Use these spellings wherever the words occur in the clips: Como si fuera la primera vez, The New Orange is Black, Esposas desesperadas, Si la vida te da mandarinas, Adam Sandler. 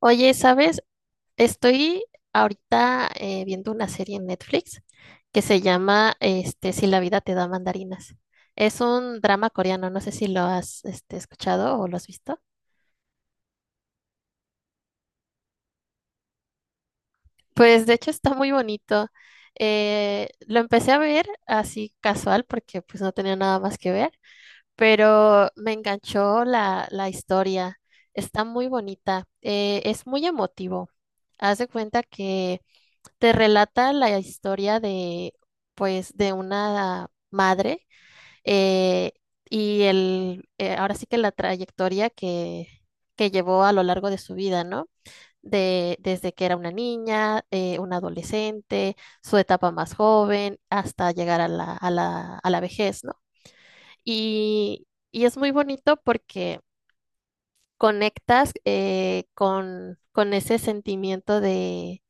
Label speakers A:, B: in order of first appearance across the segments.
A: Oye, ¿sabes? Estoy ahorita viendo una serie en Netflix que se llama Si la vida te da mandarinas. Es un drama coreano, no sé si lo has escuchado o lo has visto. Pues de hecho está muy bonito. Lo empecé a ver así casual porque pues no tenía nada más que ver, pero me enganchó la historia. Está muy bonita. Es muy emotivo. Haz de cuenta que te relata la historia de, pues, de una madre eh, y ahora sí que la trayectoria que llevó a lo largo de su vida, ¿no? Desde que era una niña, una adolescente, su etapa más joven, hasta llegar a a la vejez, ¿no? Y es muy bonito porque conectas con ese sentimiento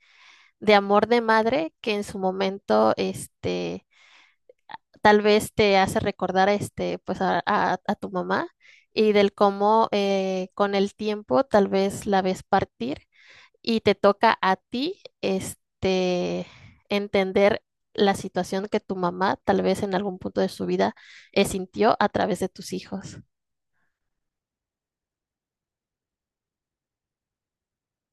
A: de amor de madre que en su momento, tal vez te hace recordar, pues a tu mamá y del cómo con el tiempo tal vez la ves partir y te toca a ti, entender la situación que tu mamá tal vez en algún punto de su vida sintió a través de tus hijos.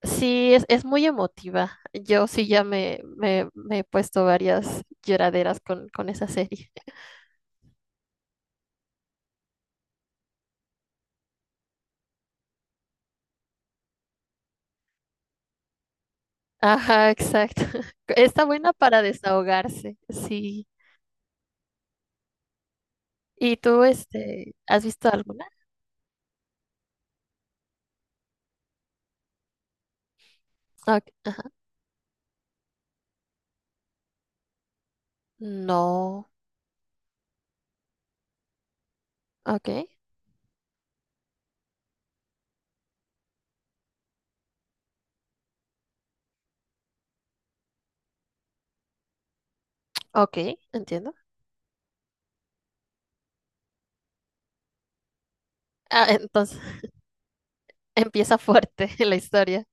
A: Sí, es muy emotiva. Yo sí ya me he puesto varias lloraderas con esa serie. Ajá, exacto. Está buena para desahogarse, sí. ¿Y tú, este, has visto alguna? Ok, ajá. No, ok, ok, entiendo. Ah, entonces empieza fuerte la historia.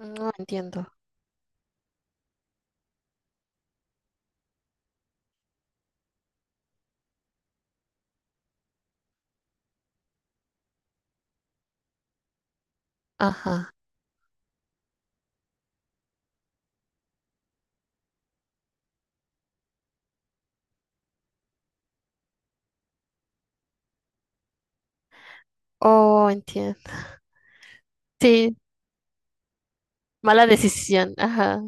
A: No entiendo. Ajá. Oh, entiendo. Sí, mala decisión. Ajá.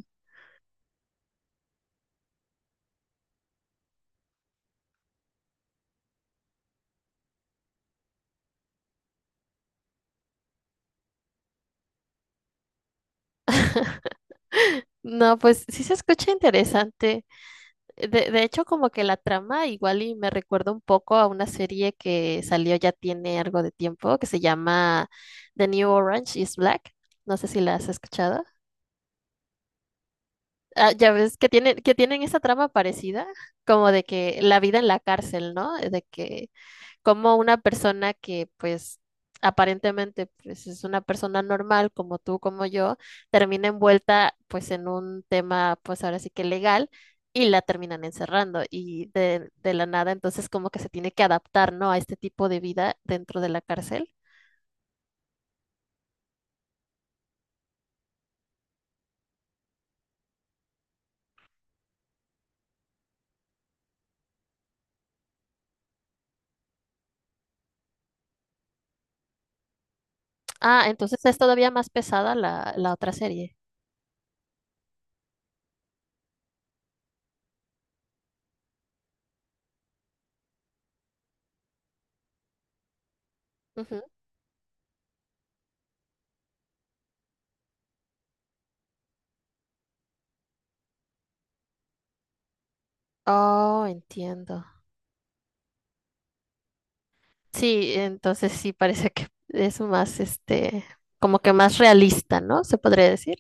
A: No, pues sí se escucha interesante. De hecho, como que la trama igual y me recuerda un poco a una serie que salió ya tiene algo de tiempo, que se llama The New Orange is Black. No sé si la has escuchado. Ah, ya ves que que tienen esa trama parecida, como de que la vida en la cárcel, ¿no? De que como una persona que pues aparentemente pues, es una persona normal como tú, como yo, termina envuelta pues en un tema pues ahora sí que legal y la terminan encerrando y de la nada entonces como que se tiene que adaptar, ¿no? A este tipo de vida dentro de la cárcel. Ah, entonces es todavía más pesada la otra serie. Ujú. Oh, entiendo. Sí, entonces sí parece que es más, como que más realista, ¿no? Se podría decir.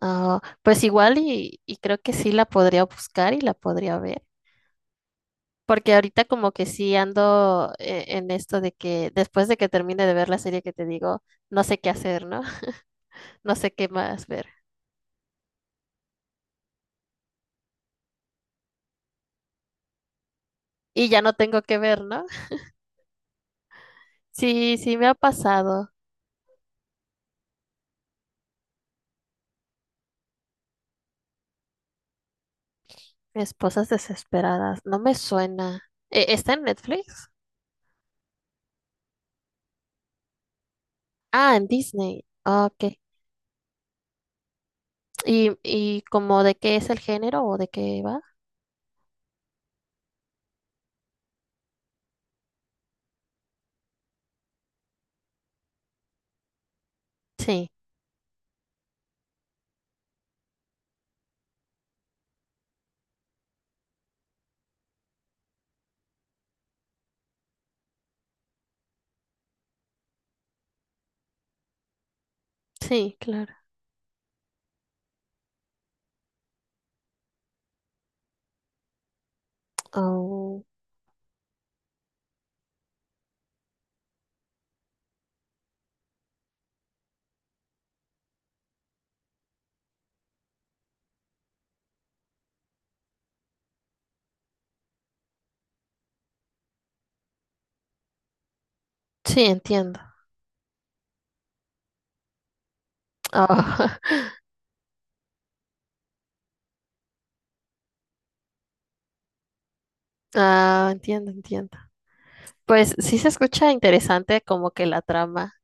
A: Ah, pues igual y creo que sí la podría buscar y la podría ver, porque ahorita como que sí ando en esto de que después de que termine de ver la serie que te digo, no sé qué hacer, ¿no? No sé qué más ver. Y ya no tengo que ver, ¿no? Sí, sí me ha pasado. Esposas desesperadas, no me suena. ¿Está en Netflix? Ah, en Disney. Ah, ok. Y como de qué es el género o de qué va? Sí, sí, claro. Oh, sí, entiendo. Oh, ah, entiendo, entiendo. Pues sí se escucha interesante como que la trama.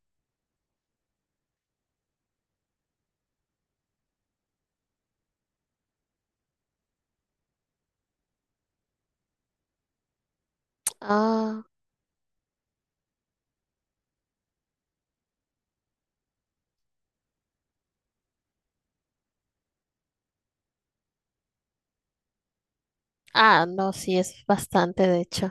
A: Ah, ah, no, sí es bastante, de hecho.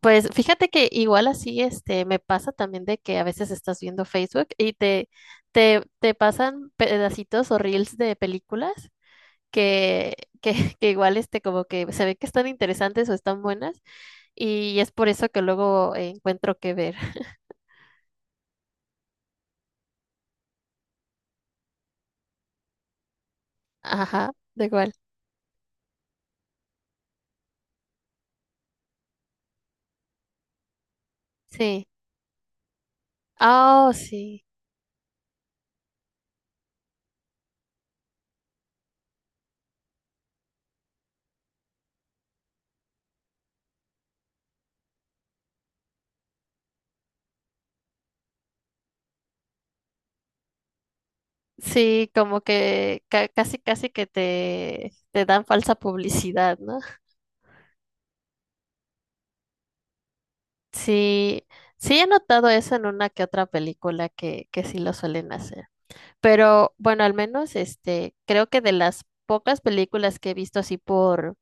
A: Pues fíjate que igual así este me pasa también de que a veces estás viendo Facebook y te pasan pedacitos o reels de películas que, que, que igual este como que se ve que están interesantes o están buenas y es por eso que luego encuentro que ver. Ajá, de igual. Sí. Oh, sí. Sí, como que casi que te dan falsa publicidad, ¿no? Sí, sí he notado eso en una que otra película que sí lo suelen hacer. Pero bueno, al menos este, creo que de las pocas películas que he visto así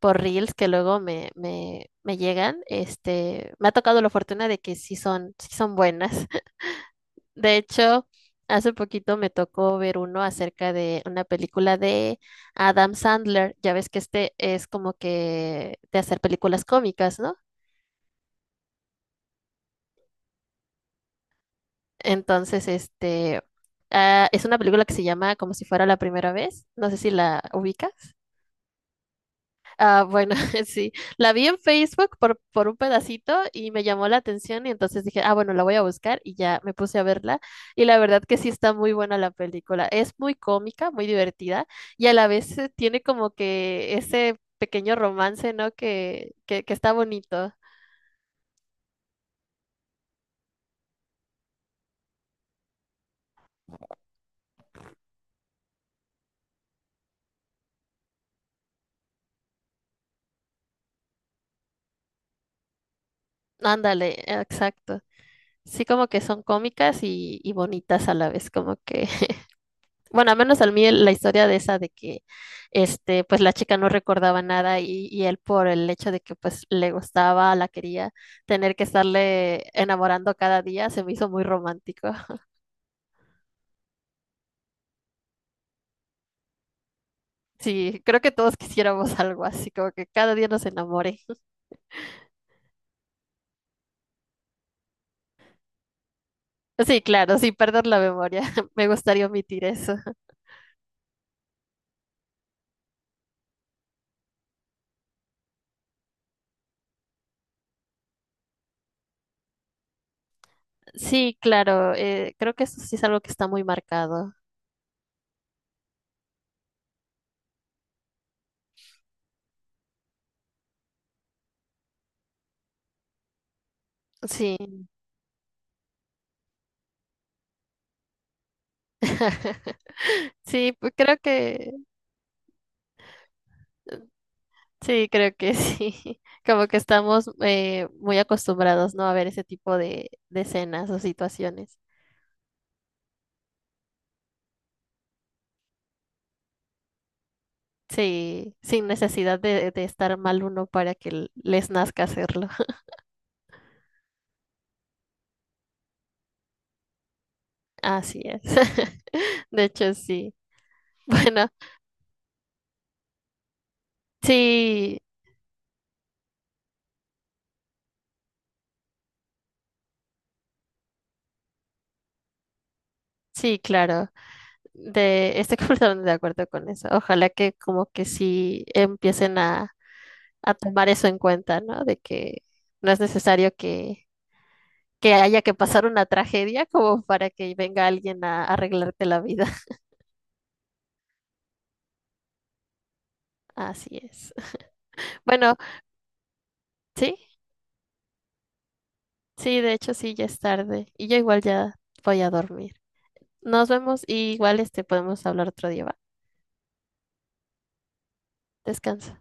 A: por Reels que luego me llegan, este, me ha tocado la fortuna de que sí son buenas. De hecho, hace poquito me tocó ver uno acerca de una película de Adam Sandler. Ya ves que este es como que de hacer películas cómicas, ¿no? Entonces, este, ah, es una película que se llama Como si fuera la primera vez. No sé si la ubicas. Ah, bueno, sí. La vi en Facebook por un pedacito y me llamó la atención y entonces dije, ah, bueno, la voy a buscar y ya me puse a verla. Y la verdad que sí está muy buena la película. Es muy cómica, muy divertida y a la vez tiene como que ese pequeño romance, ¿no? Que está bonito. Ándale, exacto. Sí, como que son cómicas y bonitas a la vez, como que bueno, al menos al mí la historia de esa de que este, pues la chica no recordaba nada y, y él por el hecho de que pues le gustaba, la quería, tener que estarle enamorando cada día, se me hizo muy romántico. Sí, creo que todos quisiéramos algo así, como que cada día nos enamore. Sí, claro, sin perder la memoria. Me gustaría omitir eso. Sí, claro, creo que eso sí es algo que está muy marcado. Sí. Sí, pues creo que sí, creo que sí. Como que estamos muy acostumbrados, ¿no? A ver ese tipo de escenas o situaciones. Sí, sin necesidad de estar mal uno para que les nazca hacerlo. Así es. De hecho, sí. Bueno, sí, sí, claro. De, estoy completamente de acuerdo con eso. Ojalá que como que sí empiecen a tomar eso en cuenta, ¿no? De que no es necesario que haya que pasar una tragedia como para que venga alguien a arreglarte la vida. Así es. Bueno, sí, sí, de hecho sí, ya es tarde y yo igual ya voy a dormir. Nos vemos y igual este podemos hablar otro día, ¿va? Descansa.